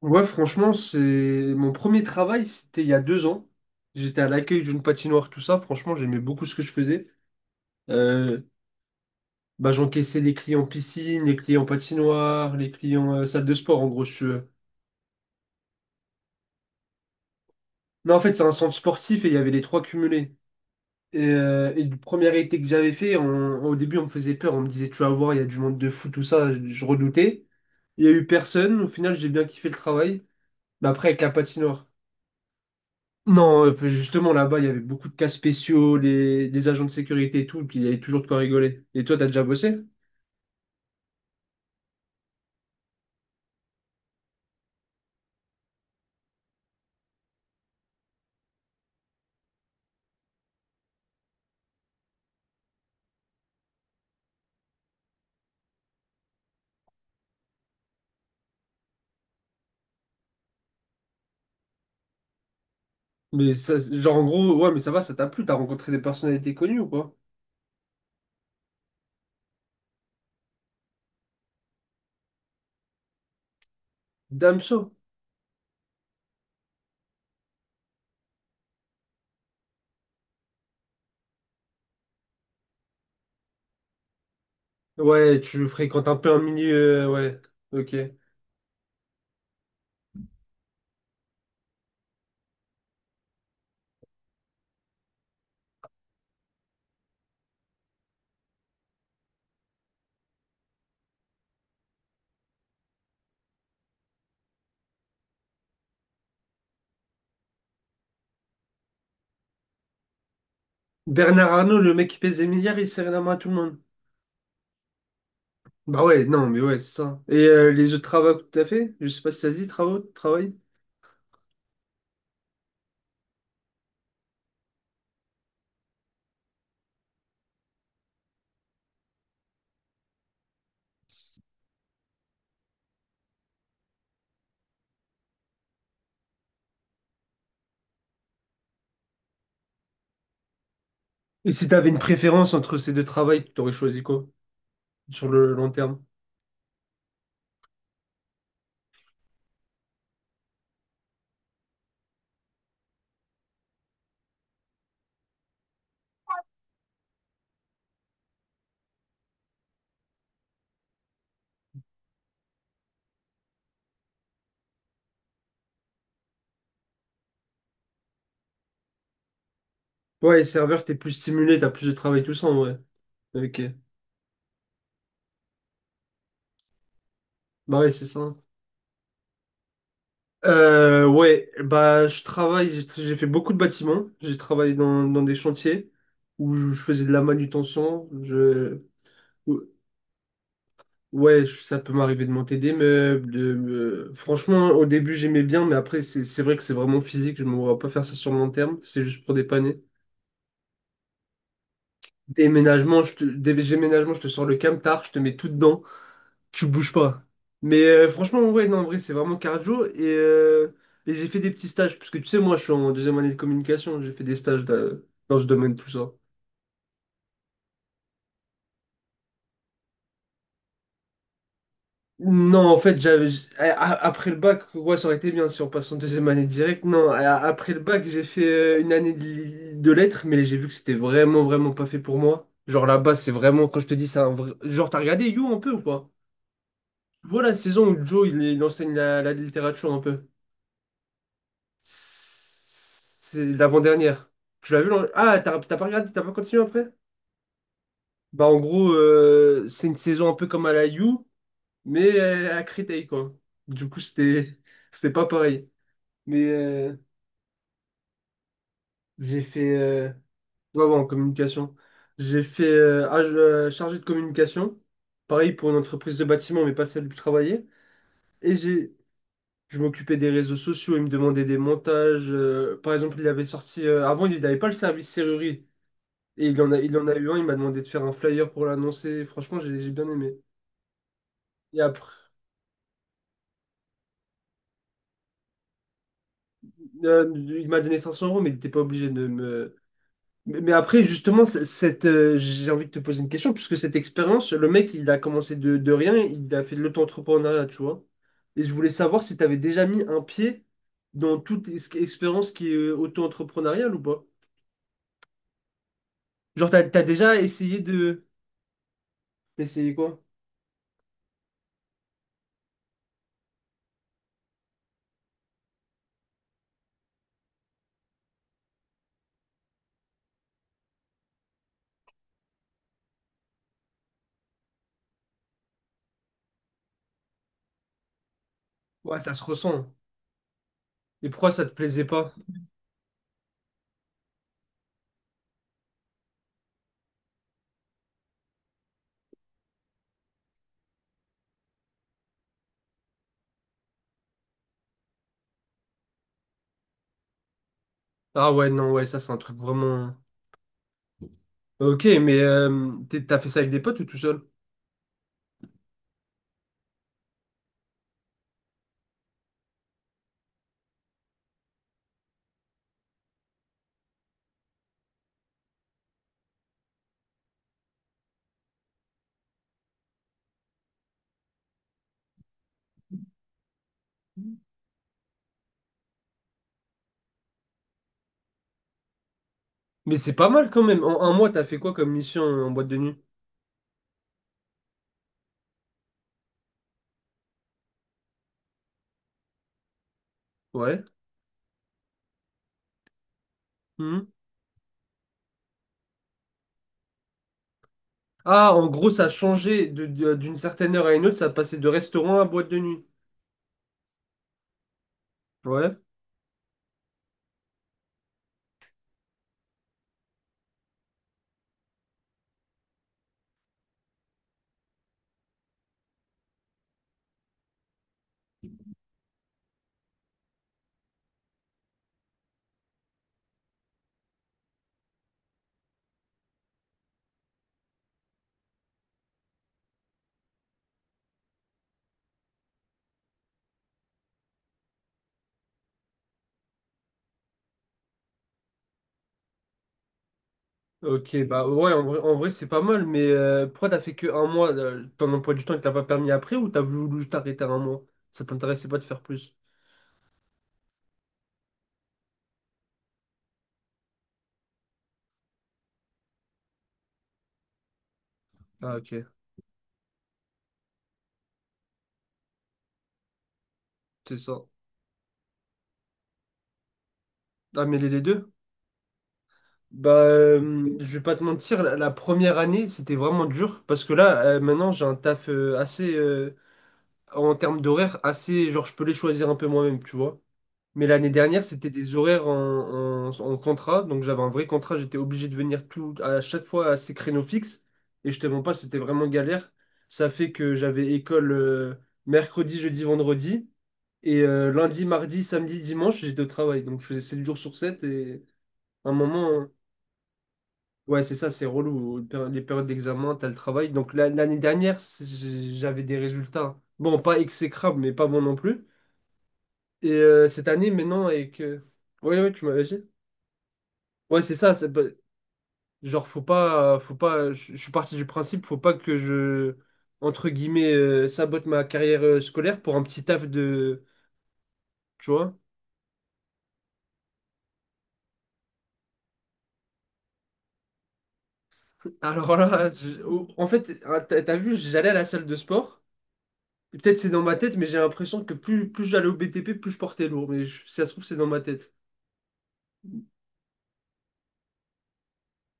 Ouais, franchement, c'est mon premier travail, c'était il y a 2 ans. J'étais à l'accueil d'une patinoire, tout ça. Franchement, j'aimais beaucoup ce que je faisais. Euh, bah, j'encaissais les clients piscine, les clients patinoire, les clients salle de sport, en gros, si tu veux. Non, en fait, c'est un centre sportif et il y avait les trois cumulés. Et du premier été que j'avais fait, au début, on me faisait peur. On me disait, tu vas voir, il y a du monde de fou, tout ça. Je redoutais. Il y a eu personne. Au final, j'ai bien kiffé le travail. Mais après, avec la patinoire. Non, justement, là-bas, il y avait beaucoup de cas spéciaux, les agents de sécurité et tout, puis il y avait toujours de quoi rigoler. Et toi, t'as déjà bossé? Mais ça, genre, en gros, ouais, mais ça va, ça t'a plu, t'as rencontré des personnalités connues ou quoi? Damso? Ouais, tu fréquentes un peu un milieu, ouais, ok. Bernard Arnault, le mec qui pèse des milliards, il serrait la main à tout le monde. Bah ouais, non, mais ouais, c'est ça. Et les autres travaux que t'as fait? Je sais pas si ça se dit, travaux, travail? Et si t'avais une préférence entre ces deux travails, t'aurais choisi quoi? Sur le long terme? Ouais, serveur, t'es plus stimulé, t'as plus de travail, tout ça, ouais. Ok. Bah ouais, c'est ça. Ouais, bah je travaille, j'ai fait beaucoup de bâtiments. J'ai travaillé dans des chantiers où je faisais de la manutention. Ou- ouais, ça peut m'arriver de monter des meubles. Franchement, au début, j'aimais bien, mais après, c'est vrai que c'est vraiment physique. Je me vois pas faire ça sur le long terme. C'est juste pour dépanner. Déménagement, je te sors le camtar, je te mets tout dedans. Tu bouges pas. Mais franchement, ouais, non, en vrai, c'est vraiment cardio. Et j'ai fait des petits stages, parce que tu sais, moi, je suis en deuxième année de communication, j'ai fait des stages dans ce domaine, tout ça. Non, en fait, j'avais, j'- a- a- après le bac, ouais, ça aurait été bien si on passe en deuxième année direct. Non, après le bac, j'ai fait une année de lettres, mais j'ai vu que c'était vraiment, vraiment pas fait pour moi. Genre là-bas, c'est vraiment, quand je te dis, c'est un vrai... Genre, t'as regardé You un peu ou pas? Voilà, la saison où Joe, il enseigne la littérature un peu. C'est l'avant-dernière. Tu l'as vu? Ah, t'as pas regardé, t'as pas continué après? Bah, en gros, c'est une saison un peu comme à la You, mais à Créteil, quoi. Du coup, c'était c'était pas pareil. Mais j'ai fait. Ouais, ouais, en communication. J'ai fait chargé de communication. Pareil pour une entreprise de bâtiment, mais pas celle où je travaillais. Et j'ai. Je m'occupais des réseaux sociaux, il me demandait des montages. Par exemple, il avait sorti. Avant, il n'avait pas le service serrurerie. Et il en a eu un, il m'a demandé de faire un flyer pour l'annoncer. Franchement, j'ai bien aimé. Et après, il m'a donné 500 euros, mais il n'était pas obligé de me. Mais après, justement, j'ai envie de te poser une question, puisque cette expérience, le mec, il a commencé de rien, il a fait de l'auto-entrepreneuriat, tu vois. Et je voulais savoir si tu avais déjà mis un pied dans toute expérience qui est auto-entrepreneuriale ou pas. Genre, t'as déjà essayé de. D'essayer quoi? Ouais, ça se ressent. Et pourquoi ça te plaisait pas? Ah ouais, non, ouais, ça, c'est un truc vraiment. Ok, mais t'as fait ça avec des potes ou tout seul? Mais c'est pas mal quand même. En un mois, t'as fait quoi comme mission en boîte de nuit? Ouais. Mhm. Ah, en gros, ça a changé d'une certaine heure à une autre, ça passait de restaurant à boîte de nuit. Ouais. Ok, bah ouais, en vrai, c'est pas mal, mais pourquoi t'as fait que un mois, ton emploi du temps, il t'a pas permis après ou t'as voulu juste arrêter un mois? Ça t'intéressait pas de faire plus? Ah ok, c'est ça. Ah mêler les deux? Bah, je vais pas te mentir, la première année, c'était vraiment dur, parce que là, maintenant, j'ai un taf assez, en termes d'horaire, assez, genre, je peux les choisir un peu moi-même, tu vois. Mais l'année dernière, c'était des horaires en contrat. Donc j'avais un vrai contrat, j'étais obligé de venir tout, à chaque fois à ces créneaux fixes. Et je te mens pas, c'était vraiment galère. Ça fait que j'avais école mercredi, jeudi, vendredi. Et lundi, mardi, samedi, dimanche, j'étais au travail. Donc je faisais 7 jours sur sept. Et à un moment, ouais, c'est ça, c'est relou. Les périodes d'examen, t'as le travail. Donc l'année dernière, j'avais des résultats. Bon, pas exécrables, mais pas bons non plus. Et cette année, maintenant, avec... Ouais, ouais, tu m'avais dit. Ouais, c'est ça, c'est pas- genre faut pas je suis parti du principe faut pas que je entre guillemets sabote ma carrière scolaire pour un petit taf de tu vois. Alors là, en fait, hein, t'as vu, j'allais à la salle de sport. Et peut-être c'est dans ma tête, mais j'ai l'impression que plus j'allais au BTP, plus je portais lourd, mais si ça se trouve c'est dans ma tête.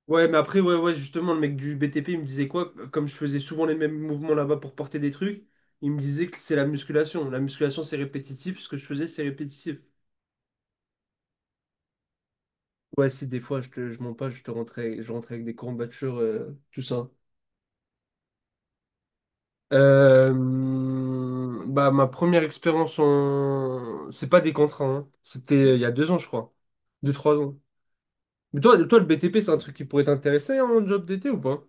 Ouais, mais après ouais ouais, justement le mec du BTP, il me disait quoi? Comme je faisais souvent les mêmes mouvements là-bas pour porter des trucs, il me disait que c'est la musculation. La musculation c'est répétitif, ce que je faisais c'est répétitif. Ouais, si des fois je mens pas, je rentrais avec des courbatures, tout ça. Euh, bah, ma première expérience en. C'est pas des contrats, hein. C'était il y a 2 ans, je crois. 2, 3 ans. Mais toi, toi le BTP, c'est un truc qui pourrait t'intéresser en job d'été ou pas?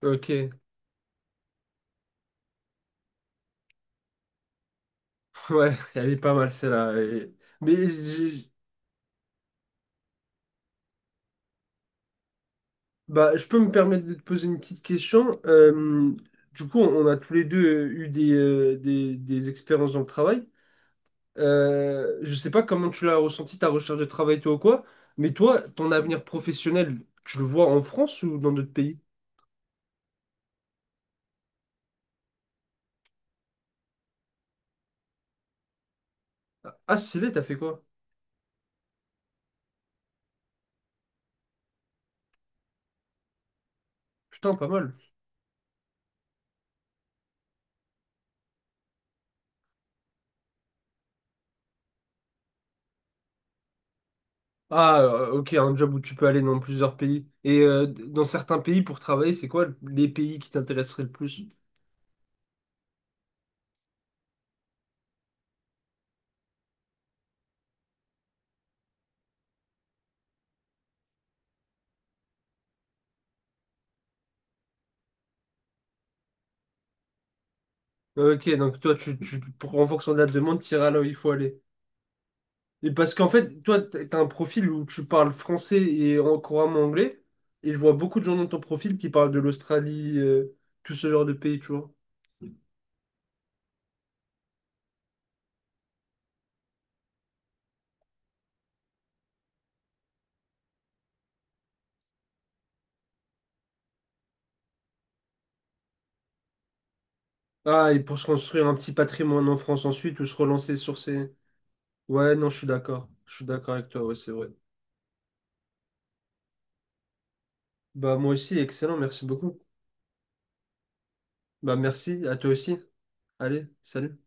Ok, ouais, elle est pas mal celle-là. Mais j'ai- bah, je peux me permettre de te poser une petite question. Du coup, on a tous les deux eu des expériences dans le travail. Je sais pas comment tu l'as ressenti, ta recherche de travail, toi ou quoi, mais toi, ton avenir professionnel, tu le vois en France ou dans d'autres pays? Ah, stylé, t'as fait quoi? Putain, pas mal. Ah, ok, un job où tu peux aller dans plusieurs pays. Et dans certains pays, pour travailler, c'est quoi les pays qui t'intéresseraient le plus? Ok, donc toi, en fonction de la demande, tu iras là où il faut aller. Et parce qu'en fait, toi, t'as un profil où tu parles français et couramment anglais, et je vois beaucoup de gens dans ton profil qui parlent de l'Australie, tout ce genre de pays, tu vois. Ah, et pour se construire un petit patrimoine en France ensuite ou se relancer sur ces... Ouais, non, je suis d'accord. Je suis d'accord avec toi, ouais, c'est vrai. Bah, moi aussi, excellent, merci beaucoup. Bah, merci, à toi aussi. Allez, salut.